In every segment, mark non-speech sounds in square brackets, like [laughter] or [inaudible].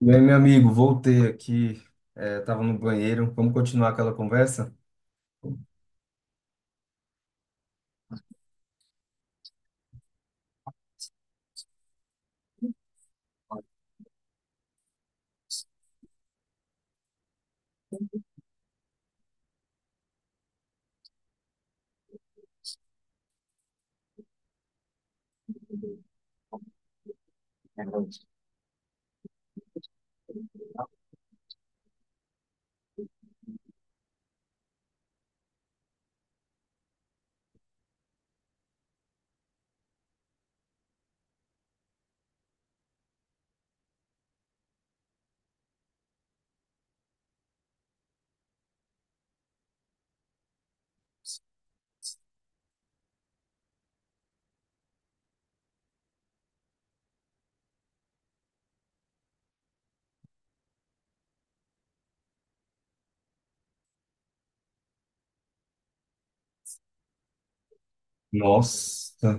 E aí, meu amigo, voltei aqui, tava no banheiro. Vamos continuar aquela conversa? Nossa,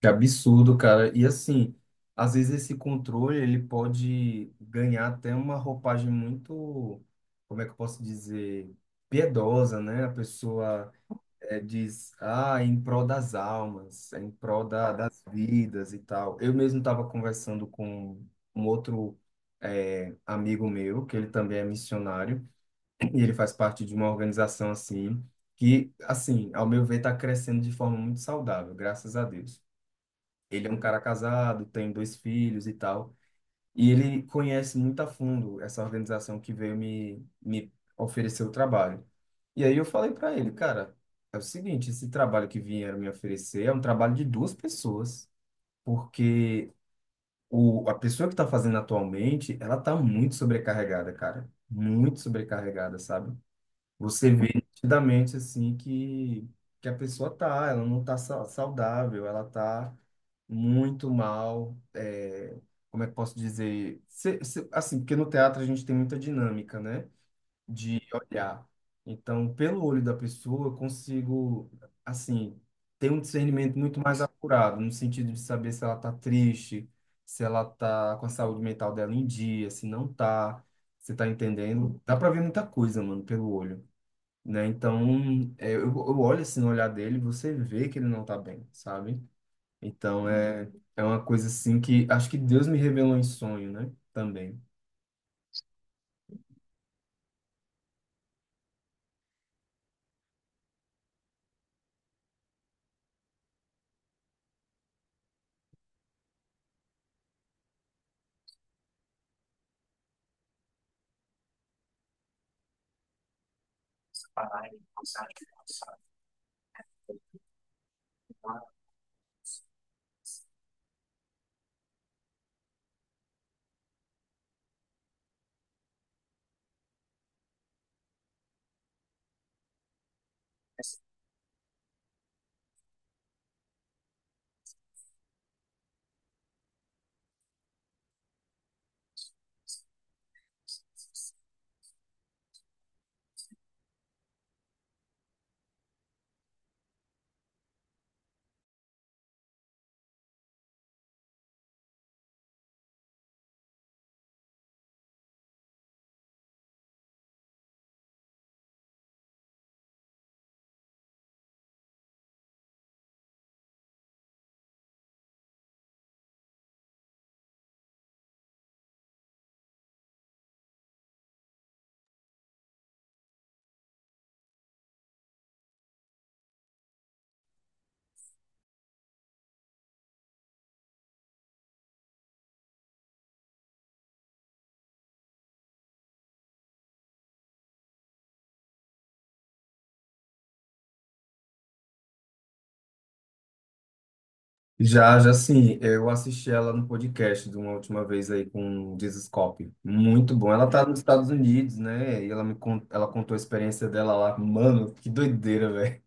que absurdo, cara. E assim, às vezes esse controle ele pode ganhar até uma roupagem muito, como é que eu posso dizer, piedosa, né? A pessoa diz, ah, é em prol das almas, é em prol das vidas e tal. Eu mesmo estava conversando com um outro amigo meu, que ele também é missionário. E ele faz parte de uma organização assim, que, assim, ao meu ver, está crescendo de forma muito saudável, graças a Deus. Ele é um cara casado, tem dois filhos e tal, e ele conhece muito a fundo essa organização que veio me oferecer o trabalho. E aí eu falei para ele, cara, é o seguinte, esse trabalho que vieram me oferecer é um trabalho de duas pessoas, porque a pessoa que está fazendo atualmente, ela está muito sobrecarregada, cara, muito sobrecarregada, sabe? Você vê nitidamente assim que a pessoa tá, ela não tá saudável, ela tá muito mal, como é que posso dizer? Assim, porque no teatro a gente tem muita dinâmica, né? De olhar. Então, pelo olho da pessoa, eu consigo, assim, ter um discernimento muito mais apurado, no sentido de saber se ela tá triste, se ela tá com a saúde mental dela em dia, se não tá. Você tá entendendo? Dá pra ver muita coisa, mano, pelo olho né? Então, eu olho assim no olhar dele, você vê que ele não tá bem, sabe? Então, é uma coisa assim que acho que Deus me revelou em sonho, né? Também. Já, já sim eu assisti ela no podcast de uma última vez aí com o Jesus Cop. Muito bom. Ela tá nos Estados Unidos, né? E ela ela contou a experiência dela lá. Mano, que doideira, velho.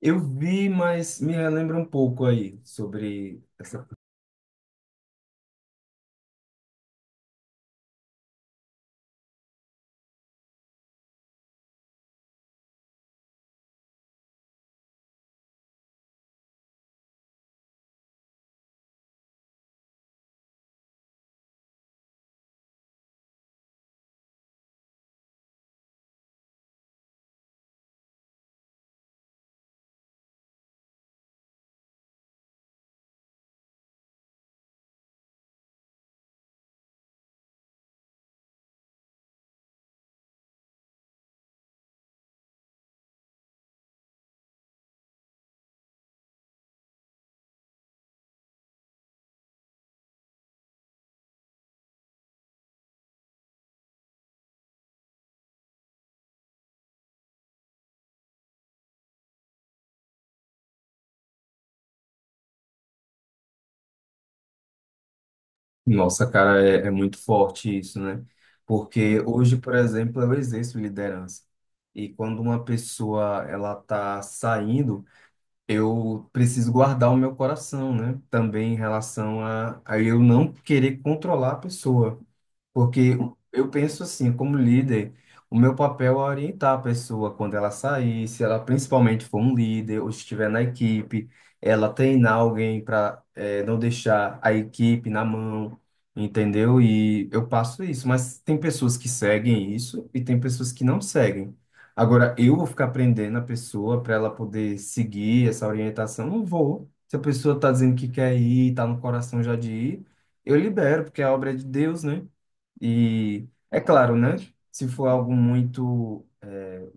Eu vi, mas me relembra um pouco aí sobre. Nossa, cara, é muito forte isso, né? Porque hoje, por exemplo, eu exerço liderança. E quando uma pessoa ela tá saindo, eu preciso guardar o meu coração, né? Também em relação a eu não querer controlar a pessoa. Porque eu penso assim, como líder, o meu papel é orientar a pessoa quando ela sair, se ela principalmente for um líder ou estiver na equipe, ela treinar alguém para não deixar a equipe na mão, entendeu? E eu passo isso, mas tem pessoas que seguem isso e tem pessoas que não seguem. Agora, eu vou ficar prendendo a pessoa para ela poder seguir essa orientação? Não vou. Se a pessoa está dizendo que quer ir, está no coração já de ir, eu libero, porque é a obra é de Deus, né? E é claro, né? Se for algo muito, é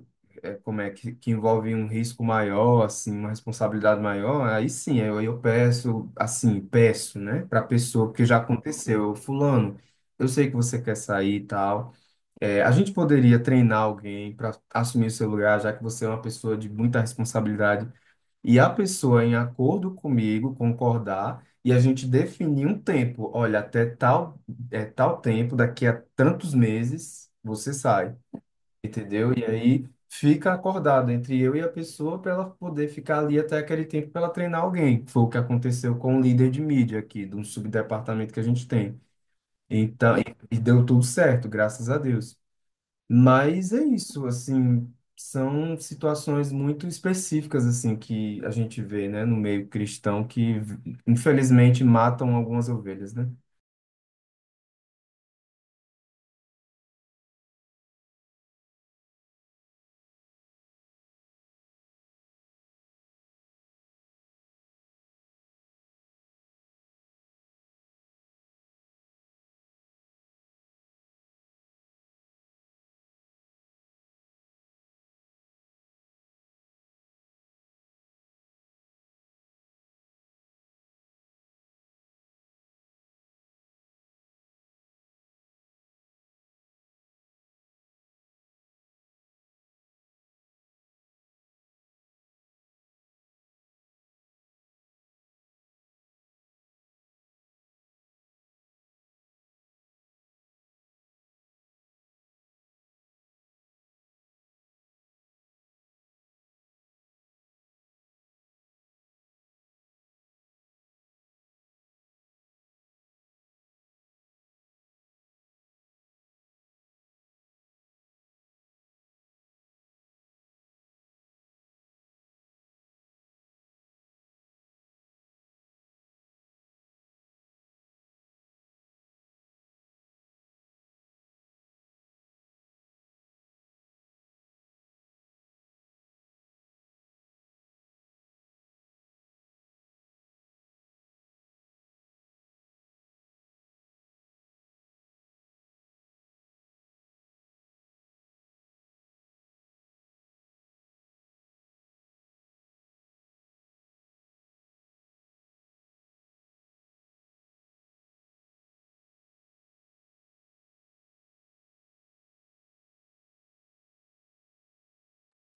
eh, como é que envolve um risco maior, assim, uma responsabilidade maior, aí sim, eu peço, assim, peço, né, para a pessoa, porque já aconteceu, eu, fulano, eu sei que você quer sair e tal. A gente poderia treinar alguém para assumir o seu lugar, já que você é uma pessoa de muita responsabilidade e a pessoa, em acordo comigo, concordar e a gente definir um tempo. Olha, até tal, tal tempo, daqui a tantos meses, você sai, entendeu? E aí fica acordado entre eu e a pessoa para ela poder ficar ali até aquele tempo para ela treinar alguém. Foi o que aconteceu com o líder de mídia aqui, de um subdepartamento que a gente tem. Então, e deu tudo certo, graças a Deus. Mas é isso, assim, são situações muito específicas, assim, que a gente vê, né, no meio cristão, que infelizmente matam algumas ovelhas, né?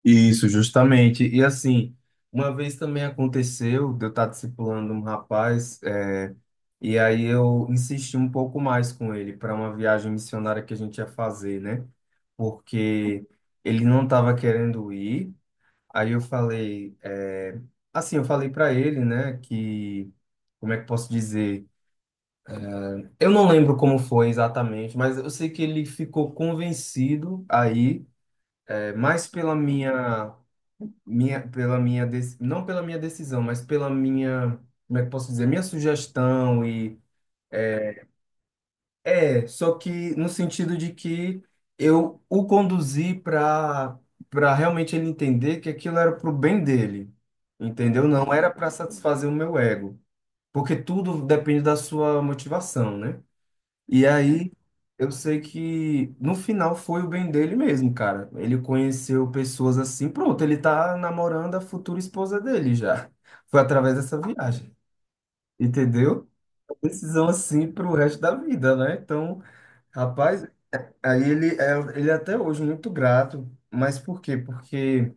Isso, justamente. E assim, uma vez também aconteceu de eu estar discipulando um rapaz, é, e aí eu insisti um pouco mais com ele para uma viagem missionária que a gente ia fazer, né? Porque ele não estava querendo ir. Aí eu falei, assim, eu falei para ele, né, que, como é que eu posso dizer? Eu não lembro como foi exatamente, mas eu sei que ele ficou convencido aí, é, mais minha, pela minha, dec- não pela minha decisão, mas pela minha, como é que eu posso dizer, minha sugestão. É, só que no sentido de que eu o conduzi para para realmente ele entender que aquilo era pro bem dele, entendeu? Não era para satisfazer o meu ego, porque tudo depende da sua motivação, né? E aí eu sei que no final foi o bem dele mesmo, cara. Ele conheceu pessoas assim, pronto, ele tá namorando a futura esposa dele já. [laughs] Foi através dessa viagem, entendeu? Decisão assim pro resto da vida, né? Então, Rapaz, aí ele ele é até hoje muito grato, mas por quê? Porque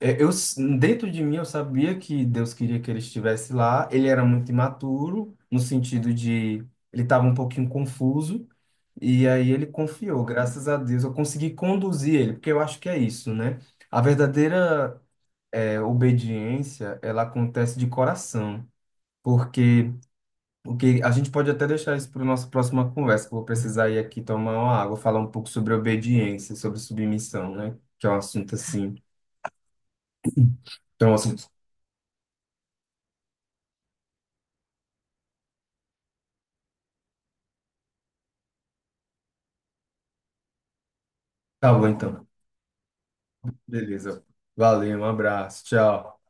dentro de mim eu sabia que Deus queria que ele estivesse lá. Ele era muito imaturo no sentido de ele estava um pouquinho confuso e aí ele confiou. Graças a Deus eu consegui conduzir ele, porque eu acho que é isso, né? A verdadeira obediência ela acontece de coração, porque o que a gente pode até deixar isso para a nossa próxima conversa, que eu vou precisar ir aqui tomar uma água, falar um pouco sobre obediência, sobre submissão, né? Que é um assunto assim. Então, é um assunto. Tá bom, então. Beleza. Valeu, um abraço. Tchau.